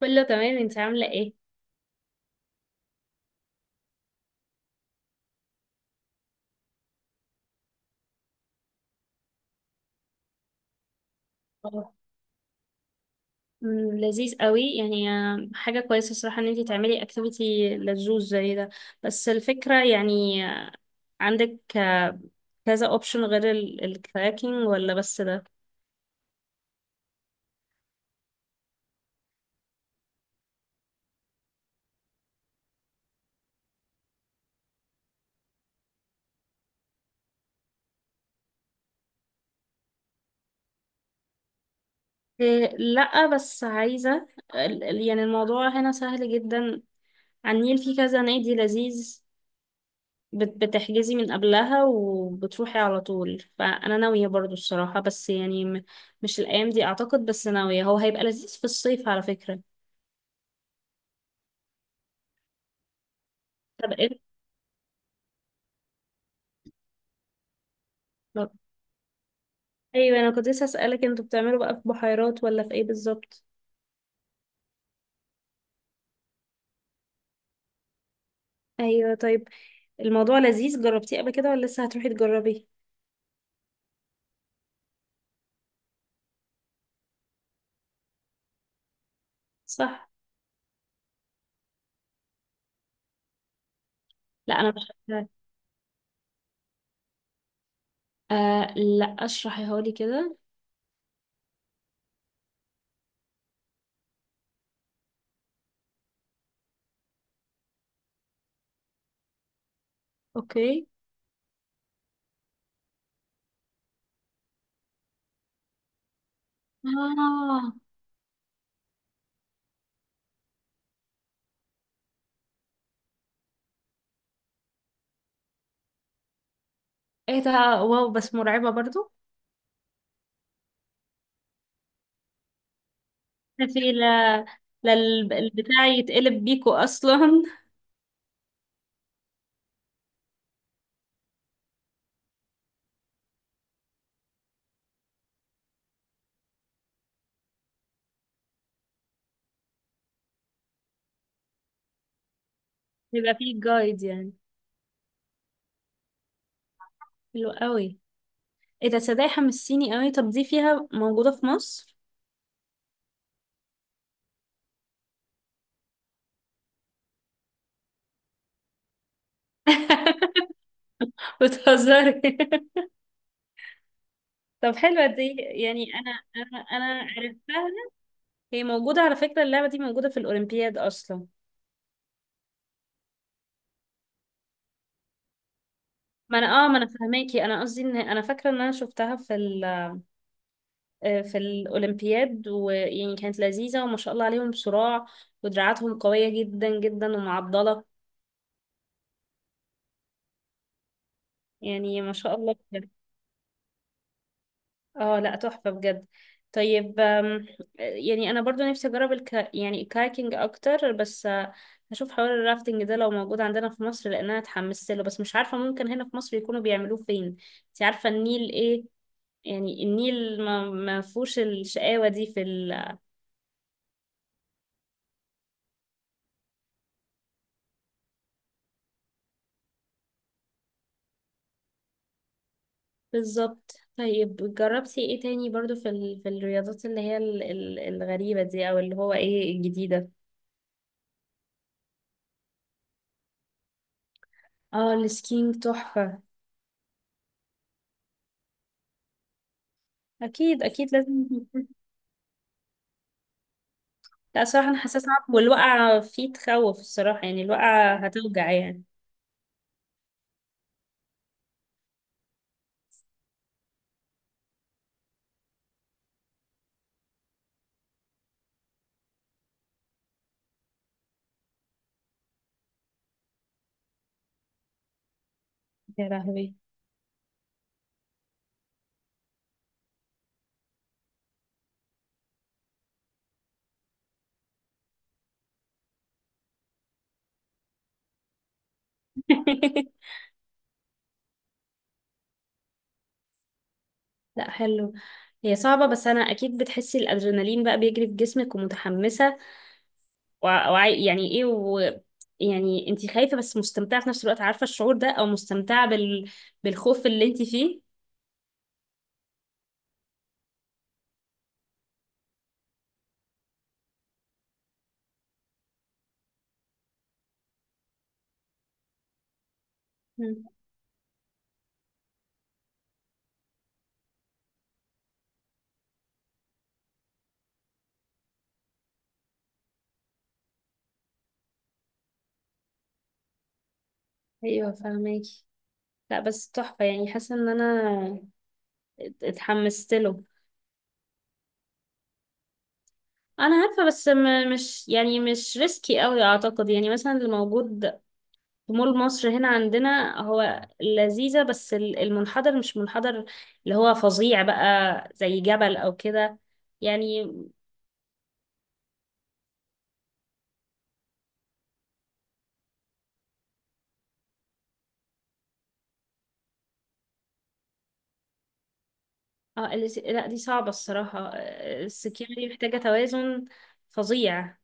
كله تمام، انت عاملة ايه؟ اه، لذيذ قوي يعني، حاجة كويسة الصراحة ان انتي تعملي اكتيفيتي لذوذ زي ده. بس الفكرة يعني عندك كذا اوبشن غير الكراكنج، ولا بس ده؟ إيه لا، بس عايزة يعني الموضوع هنا سهل جدا، على النيل في كذا نادي لذيذ، بتحجزي من قبلها وبتروحي على طول، فأنا ناوية برضو الصراحة، بس يعني مش الأيام دي أعتقد، بس ناوية، هو هيبقى لذيذ في الصيف على فكرة. طب ايه. طب- ايوه انا كنت لسه اسالك، انتوا بتعملوا بقى في بحيرات ولا في ايه بالظبط؟ ايوه طيب، الموضوع لذيذ، جربتيه قبل كده ولا لسه هتروحي تجربيه؟ صح. لا انا مش فاكراها. آه لا، اشرحيها لي كده. اوكي. اه، ايه ده، واو، بس مرعبه برضو. لا لا، البتاع يتقلب بيكو اصلا يبقى فيه جايد يعني. حلو قوي. ايه ده، صدقني حمسيني قوي. طب دي فيها موجوده في مصر؟ بتهزري. طب حلوة دي، يعني أنا عرفتها، هي موجودة على فكرة، اللعبة دي موجودة في الأولمبياد أصلا. ما أنا، ما أنا فهماكي، أنا قصدي إن أنا فاكرة إن أنا شفتها في ال آه، في الأولمبياد، ويعني كانت لذيذة وما شاء الله عليهم، صراع، ودراعاتهم قوية جدا جدا ومعضلة، يعني ما شاء الله. اه لا، تحفة بجد. طيب، يعني انا برضو نفسي اجرب يعني الكايكنج اكتر، بس هشوف حوار الرافتنج ده لو موجود عندنا في مصر، لان انا اتحمست له، بس مش عارفة ممكن هنا في مصر يكونوا بيعملوه فين. انت عارفة النيل ايه، يعني النيل ما فيهوش الشقاوة دي في بالظبط. طيب، جربتي ايه تاني برضو في في الرياضات اللي هي الغريبة دي، او اللي هو ايه الجديدة؟ اه، السكينج تحفة. اكيد اكيد لازم. لا صراحة أنا حاسة صعب، والوقعة فيه تخوف الصراحة، يعني الوقعة هتوجع يعني. يا لهوي. لا حلو، هي صعبة، بس أنا أكيد بتحسي الأدرينالين بقى بيجري في جسمك ومتحمسة، يعني إيه، يعني أنت خايفة بس مستمتعة في نفس الوقت، عارفة الشعور ده، أو مستمتعة بالخوف اللي أنت فيه. مم. أيوه فاهماكي. لا بس تحفة، يعني حاسة إن أنا اتحمست له. أنا عارفة، بس مش يعني مش ريسكي أوي أعتقد، يعني مثلا اللي موجود في مول مصر هنا عندنا هو لذيذة، بس المنحدر مش منحدر اللي هو فظيع بقى، زي جبل أو كده يعني. اه لا دي صعبة الصراحة، السكيورتي دي محتاجة توازن فظيع.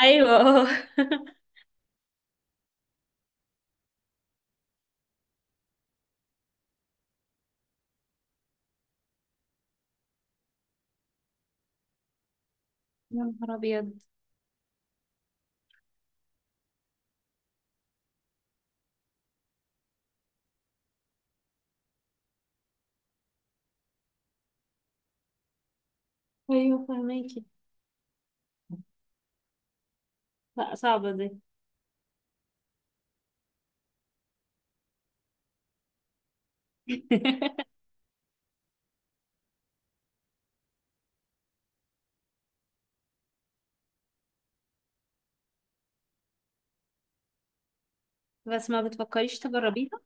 أيوة اه. يا نهار أبيض. أيوة فهماكي. لا صعبة دي. بس ما بتفكريش تجربيها؟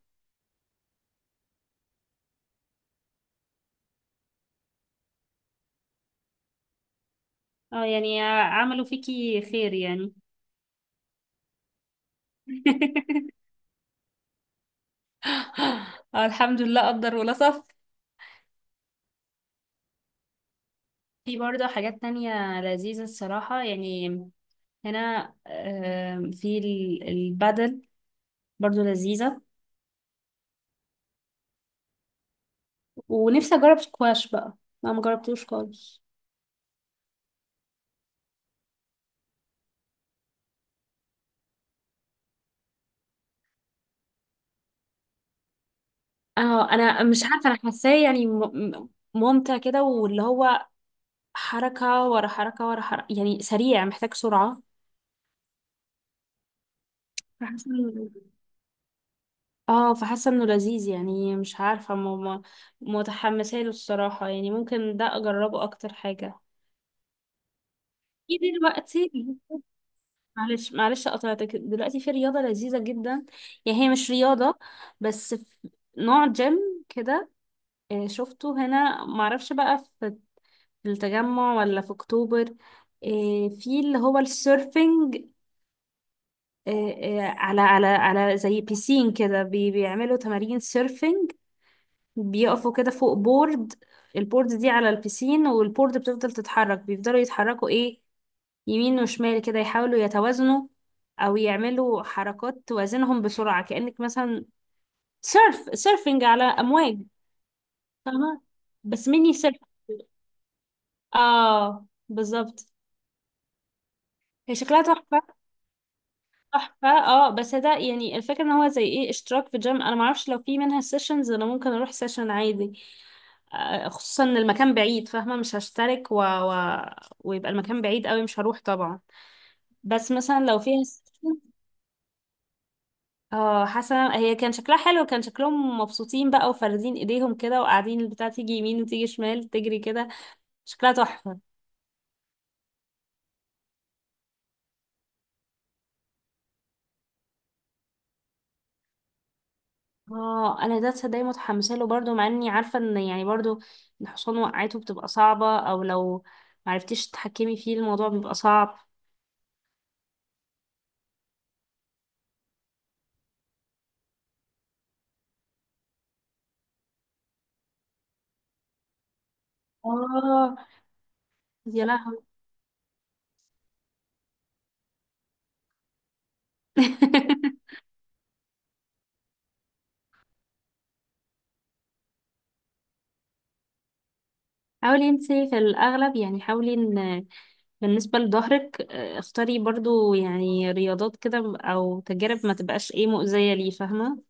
اه، يعني عملوا فيكي خير يعني. الحمد لله قدر ولا صف. في برضه حاجات تانية لذيذة الصراحة يعني، هنا في البادل برضه لذيذة، ونفسي أجرب سكواش بقى، ما مجربتوش خالص. اه انا مش عارفه، انا حاساه يعني ممتع كده، واللي هو حركه ورا حركه ورا حركه، يعني سريع محتاج سرعه. فحاسه إنه- اه فحاسه انه لذيذ، يعني مش عارفه متحمسه له الصراحه، يعني ممكن ده اجربه اكتر حاجه. في دلوقتي، معلش معلش قطعتك، دلوقتي في رياضة لذيذة جدا، يعني هي مش رياضة بس في نوع جيم كده، شفته هنا معرفش بقى في التجمع ولا في اكتوبر، في اللي هو السيرفنج، آه، على زي بيسين كده، بيعملوا تمارين سيرفنج. بيقفوا كده فوق بورد، البورد دي على البيسين، والبورد بتفضل تتحرك، بيفضلوا يتحركوا ايه، يمين وشمال كده، يحاولوا يتوازنوا، او يعملوا حركات توازنهم بسرعة، كأنك مثلا سيرفنج على امواج، فاهمة، بس ميني سيرف. اه بالظبط. هي شكلها تحفة. تحفة اه، بس ده يعني الفكرة ان هو زي ايه اشتراك في جيم، انا معرفش لو في منها سيشنز انا ممكن اروح سيشن عادي، خصوصا ان المكان بعيد، فاهمة مش هشترك ويبقى المكان بعيد قوي مش هروح طبعا، بس مثلا لو فيها. اه حسنا، هي كان شكلها حلو، كان شكلهم مبسوطين بقى، وفاردين ايديهم كده، وقاعدين البتاع تيجي يمين وتيجي شمال تجري كده، شكلها تحفة. اه انا ده تصدقي متحمسه له برضو، مع اني عارفه ان يعني برضو الحصان وقعته بتبقى صعبه، او لو معرفتيش تتحكمي فيه الموضوع بيبقى صعب. اه، يا لهوي. حاولي انتي في الاغلب، يعني حاولي ان بالنسبه لظهرك اختاري برضو يعني رياضات كده او تجارب، ما تبقاش ايه مؤذيه ليه فاهمه.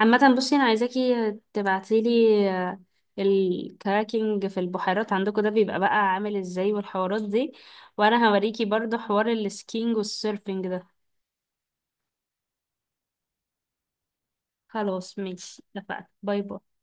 عامة بصي، انا عايزاكي تبعتيلي الكراكنج في البحيرات عندكم ده بيبقى بقى عامل ازاي والحوارات دي، وانا هوريكي برضو حوار السكينج والسيرفنج ده. خلاص ماشي اتفقنا، باي باي.